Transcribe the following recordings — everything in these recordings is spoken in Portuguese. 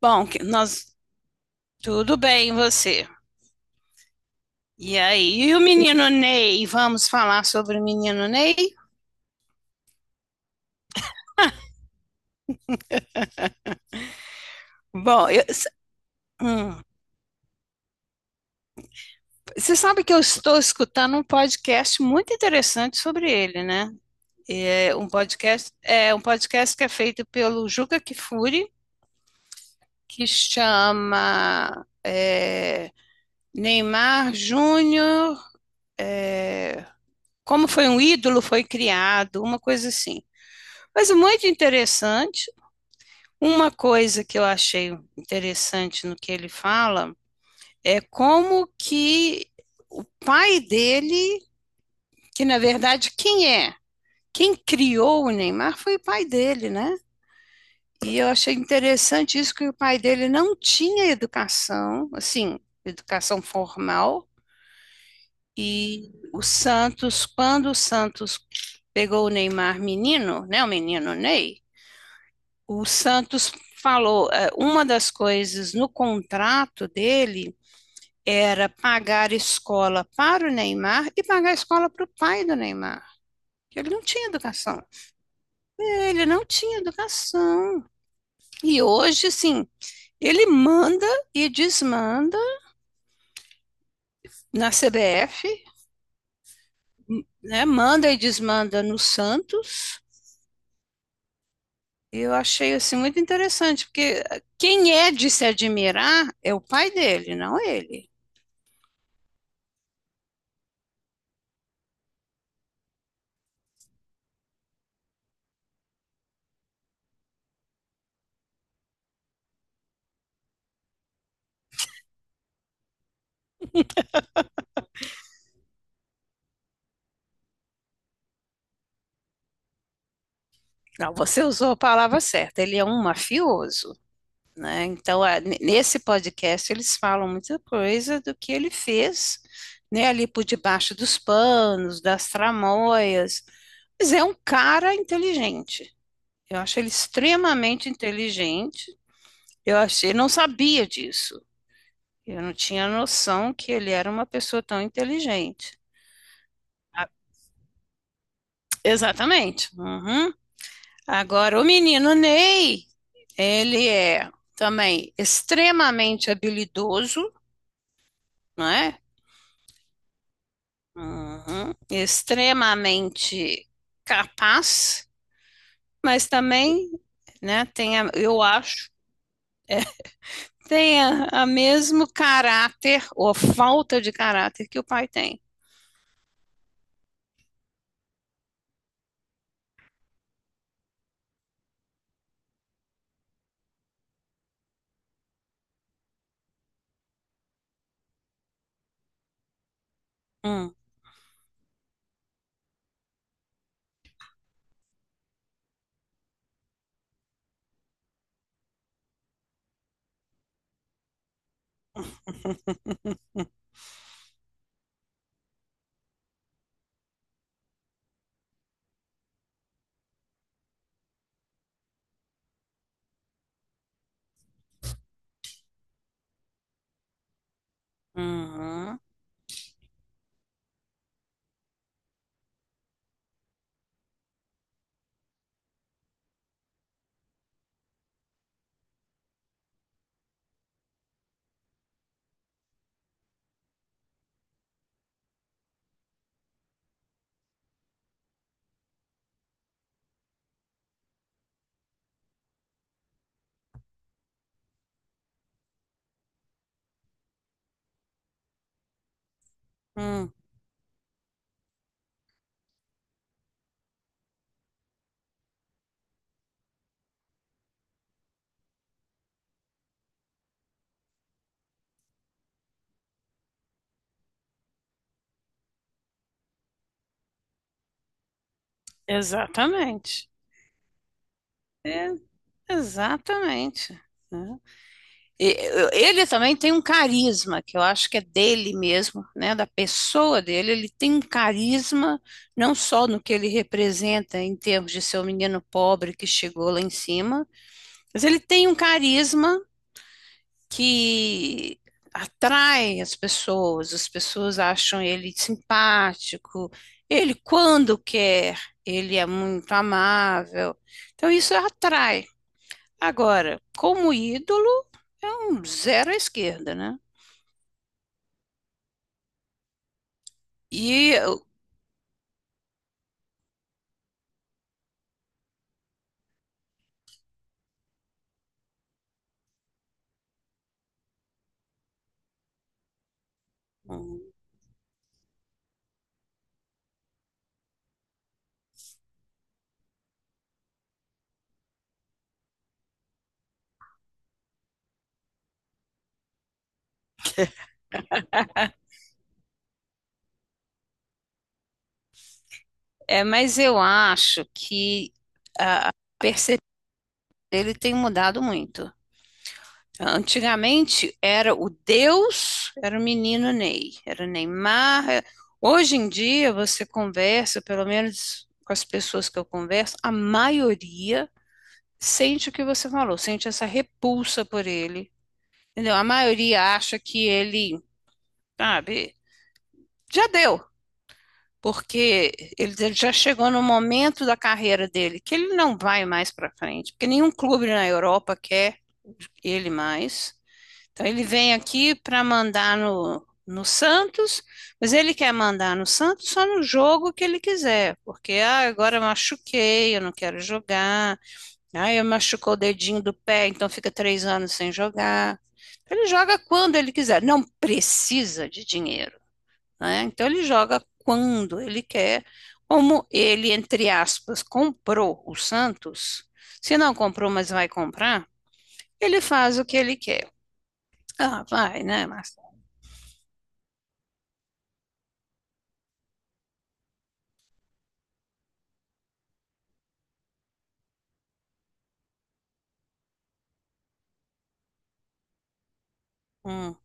Bom, que- nós tudo bem, e você? E aí, e o menino Ney? Vamos falar sobre o menino Ney? Bom, hum, você sabe que eu estou escutando um podcast muito interessante sobre ele, né? É um podcast que é feito pelo Juca Kfouri, que chama Neymar Júnior, como foi um ídolo, foi criado, uma coisa assim. Mas é muito interessante. Uma coisa que eu achei interessante no que ele fala é como que o pai dele, que na verdade quem é? Quem criou o Neymar foi o pai dele, né? E eu achei interessante isso que o pai dele não tinha educação, assim, educação formal. Quando o Santos pegou o Neymar menino, né, o menino Ney, o Santos falou, uma das coisas no contrato dele era pagar escola para o Neymar e pagar a escola para o pai do Neymar. Ele não tinha educação. Ele não tinha educação. E hoje, sim, ele manda e desmanda na CBF, né? Manda e desmanda no Santos. Eu achei assim muito interessante, porque quem é de se admirar é o pai dele, não ele. Não, você usou a palavra certa. Ele é um mafioso, né? Então, nesse podcast, eles falam muita coisa do que ele fez, né, ali por debaixo dos panos, das tramóias. Mas é um cara inteligente. Eu acho ele extremamente inteligente. Eu achei, não sabia disso. Eu não tinha noção que ele era uma pessoa tão inteligente. Ah, exatamente. Uhum. Agora, o menino Ney, ele é também extremamente habilidoso, né? Uhum. Extremamente capaz, mas também, né, eu acho, tem a mesmo caráter ou falta de caráter que o pai tem. Hum. Uhum. Hum. Exatamente. É, exatamente, né? E- Ele também tem um carisma, que eu acho que é dele mesmo, né? Da pessoa dele. Ele tem um carisma, não só no que ele representa em termos de ser o menino pobre que chegou lá em cima, mas ele tem um carisma que atrai as pessoas acham ele simpático. Ele, quando quer, ele é muito amável. Então, isso atrai. Agora, como ídolo, é um zero à esquerda, né? E eu- É, mas eu acho que perceber ele tem mudado muito. Antigamente era o Deus, era o menino Ney, era o Neymar. Hoje em dia você conversa, pelo menos com as pessoas que eu converso, a maioria sente o que você falou, sente essa repulsa por ele, entendeu? A maioria acha que ele, sabe, já deu. Porque ele já chegou no momento da carreira dele que ele não vai mais para frente, porque nenhum clube na Europa quer ele mais. Então ele vem aqui para mandar no Santos, mas ele quer mandar no Santos só no jogo que ele quiser, porque ah, agora eu machuquei, eu não quero jogar, ah, eu machucou o dedinho do pé, então fica 3 anos sem jogar. Ele joga quando ele quiser, não precisa de dinheiro, né? Então ele joga quando ele quer, como ele, entre aspas, comprou o Santos, se não comprou, mas vai comprar, ele faz o que ele quer. Ah, vai, né, Marcelo? Hum.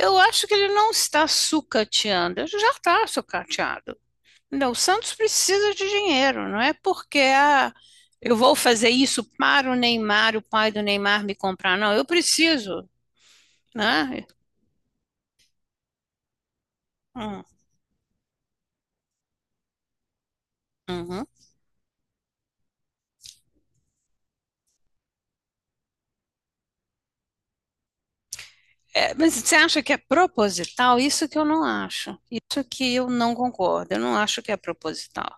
Eu acho que ele não está sucateando, ele já está sucateado. Não, o Santos precisa de dinheiro, não é porque ah, eu vou fazer isso para o Neymar, o pai do Neymar me comprar, não, eu preciso, né? Hum, uhum. É, mas você acha que é proposital? Isso que eu não acho. Isso que eu não concordo. Eu não acho que é proposital.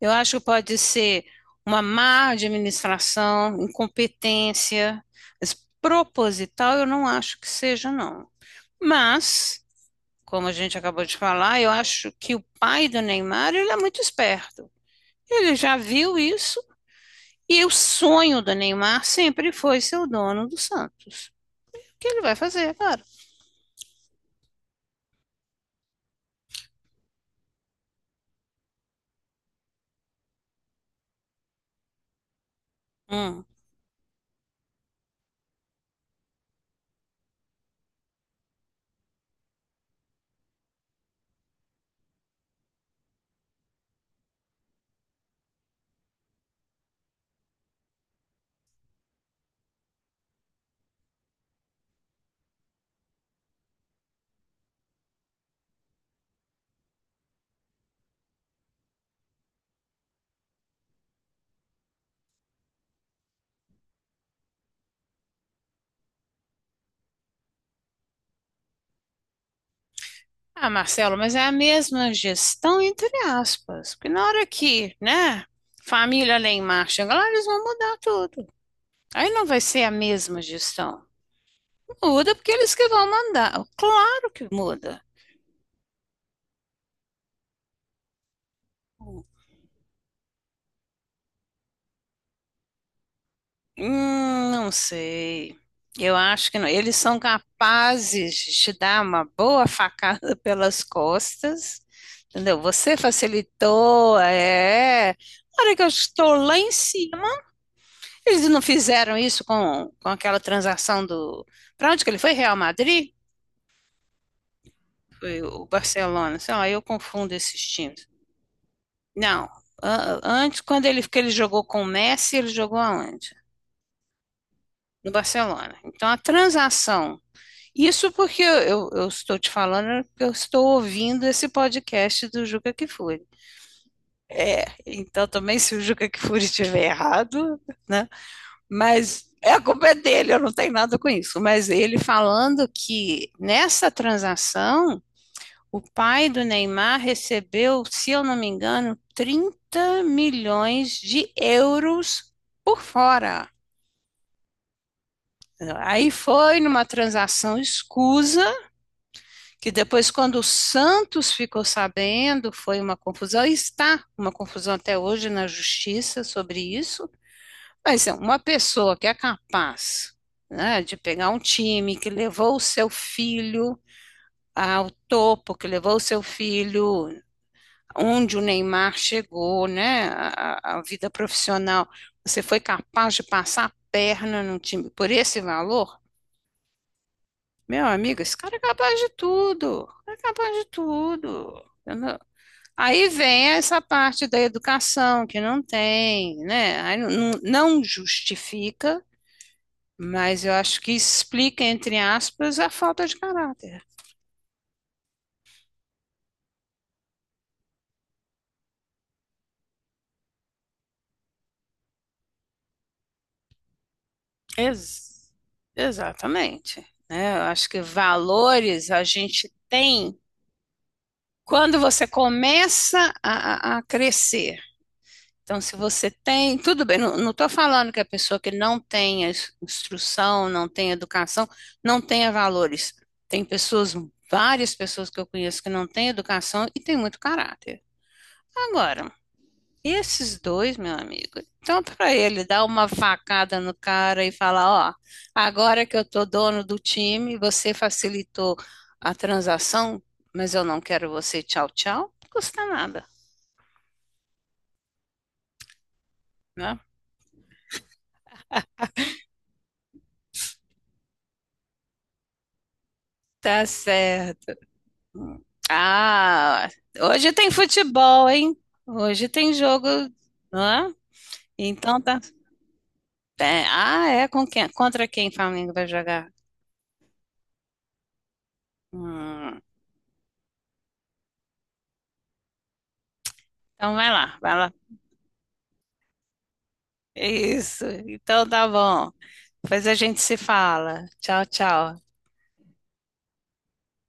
Eu acho que pode ser uma má administração, incompetência, mas proposital eu não acho que seja, não. Mas, como a gente acabou de falar, eu acho que o pai do Neymar, ele é muito esperto. Ele já viu isso e o sonho do Neymar sempre foi ser o dono do Santos. O que ele vai fazer, é claro? Hum. Ah, Marcelo, mas é a mesma gestão entre aspas, porque na hora que, né, família lá em marcha, chega lá, eles vão mudar tudo. Aí não vai ser a mesma gestão. Muda porque eles que vão mandar. Claro que muda. Não sei. Eu acho que não. Eles são capazes de te dar uma boa facada pelas costas, entendeu? Você facilitou, é. Na hora que eu estou lá em cima. Eles não fizeram isso com, aquela transação do. Para onde que ele foi? Real Madrid? Foi o Barcelona. Sei lá, eu confundo esses times. Não. Antes, que ele jogou com o Messi, ele jogou aonde? No Barcelona. Então, a transação. Isso porque eu estou te falando, porque eu estou ouvindo esse podcast do Juca Kfouri. Então, também, se o Juca Kfouri estiver errado, né? Mas é, a culpa é dele, eu não tenho nada com isso. Mas ele falando que nessa transação, o pai do Neymar recebeu, se eu não me engano, 30 milhões de euros por fora. Aí foi numa transação escusa, que depois, quando o Santos ficou sabendo, foi uma confusão, e está uma confusão até hoje na justiça sobre isso. Mas é uma pessoa que é capaz, né, de pegar um time que levou o seu filho ao topo, que levou o seu filho onde o Neymar chegou, né, a vida profissional, você foi capaz de passar a perna num time por esse valor? Meu amigo, esse cara é capaz de tudo, é capaz de tudo, entendeu? Aí vem essa parte da educação que não tem, né? Aí não justifica. Mas eu acho que explica, entre aspas, a falta de caráter. Ex- exatamente, né? Eu acho que valores a gente tem quando você começa a crescer. Então, se você tem, tudo bem, não estou falando que a pessoa que não tenha instrução, não tenha educação, não tenha valores. Tem pessoas, várias pessoas que eu conheço que não têm educação e têm muito caráter. Agora, esses dois, meu amigo, tanto para ele dar uma facada no cara e falar, ó, agora que eu tô dono do time, você facilitou a transação, mas eu não quero você, tchau, tchau, não custa nada, né? Tá certo. Ah, hoje tem futebol, hein? Hoje tem jogo, não é? Então tá. É com quem? Contra quem o Flamengo vai jogar? Hum, então vai lá, vai lá. Isso. Então tá bom. Depois a gente se fala. Tchau, tchau.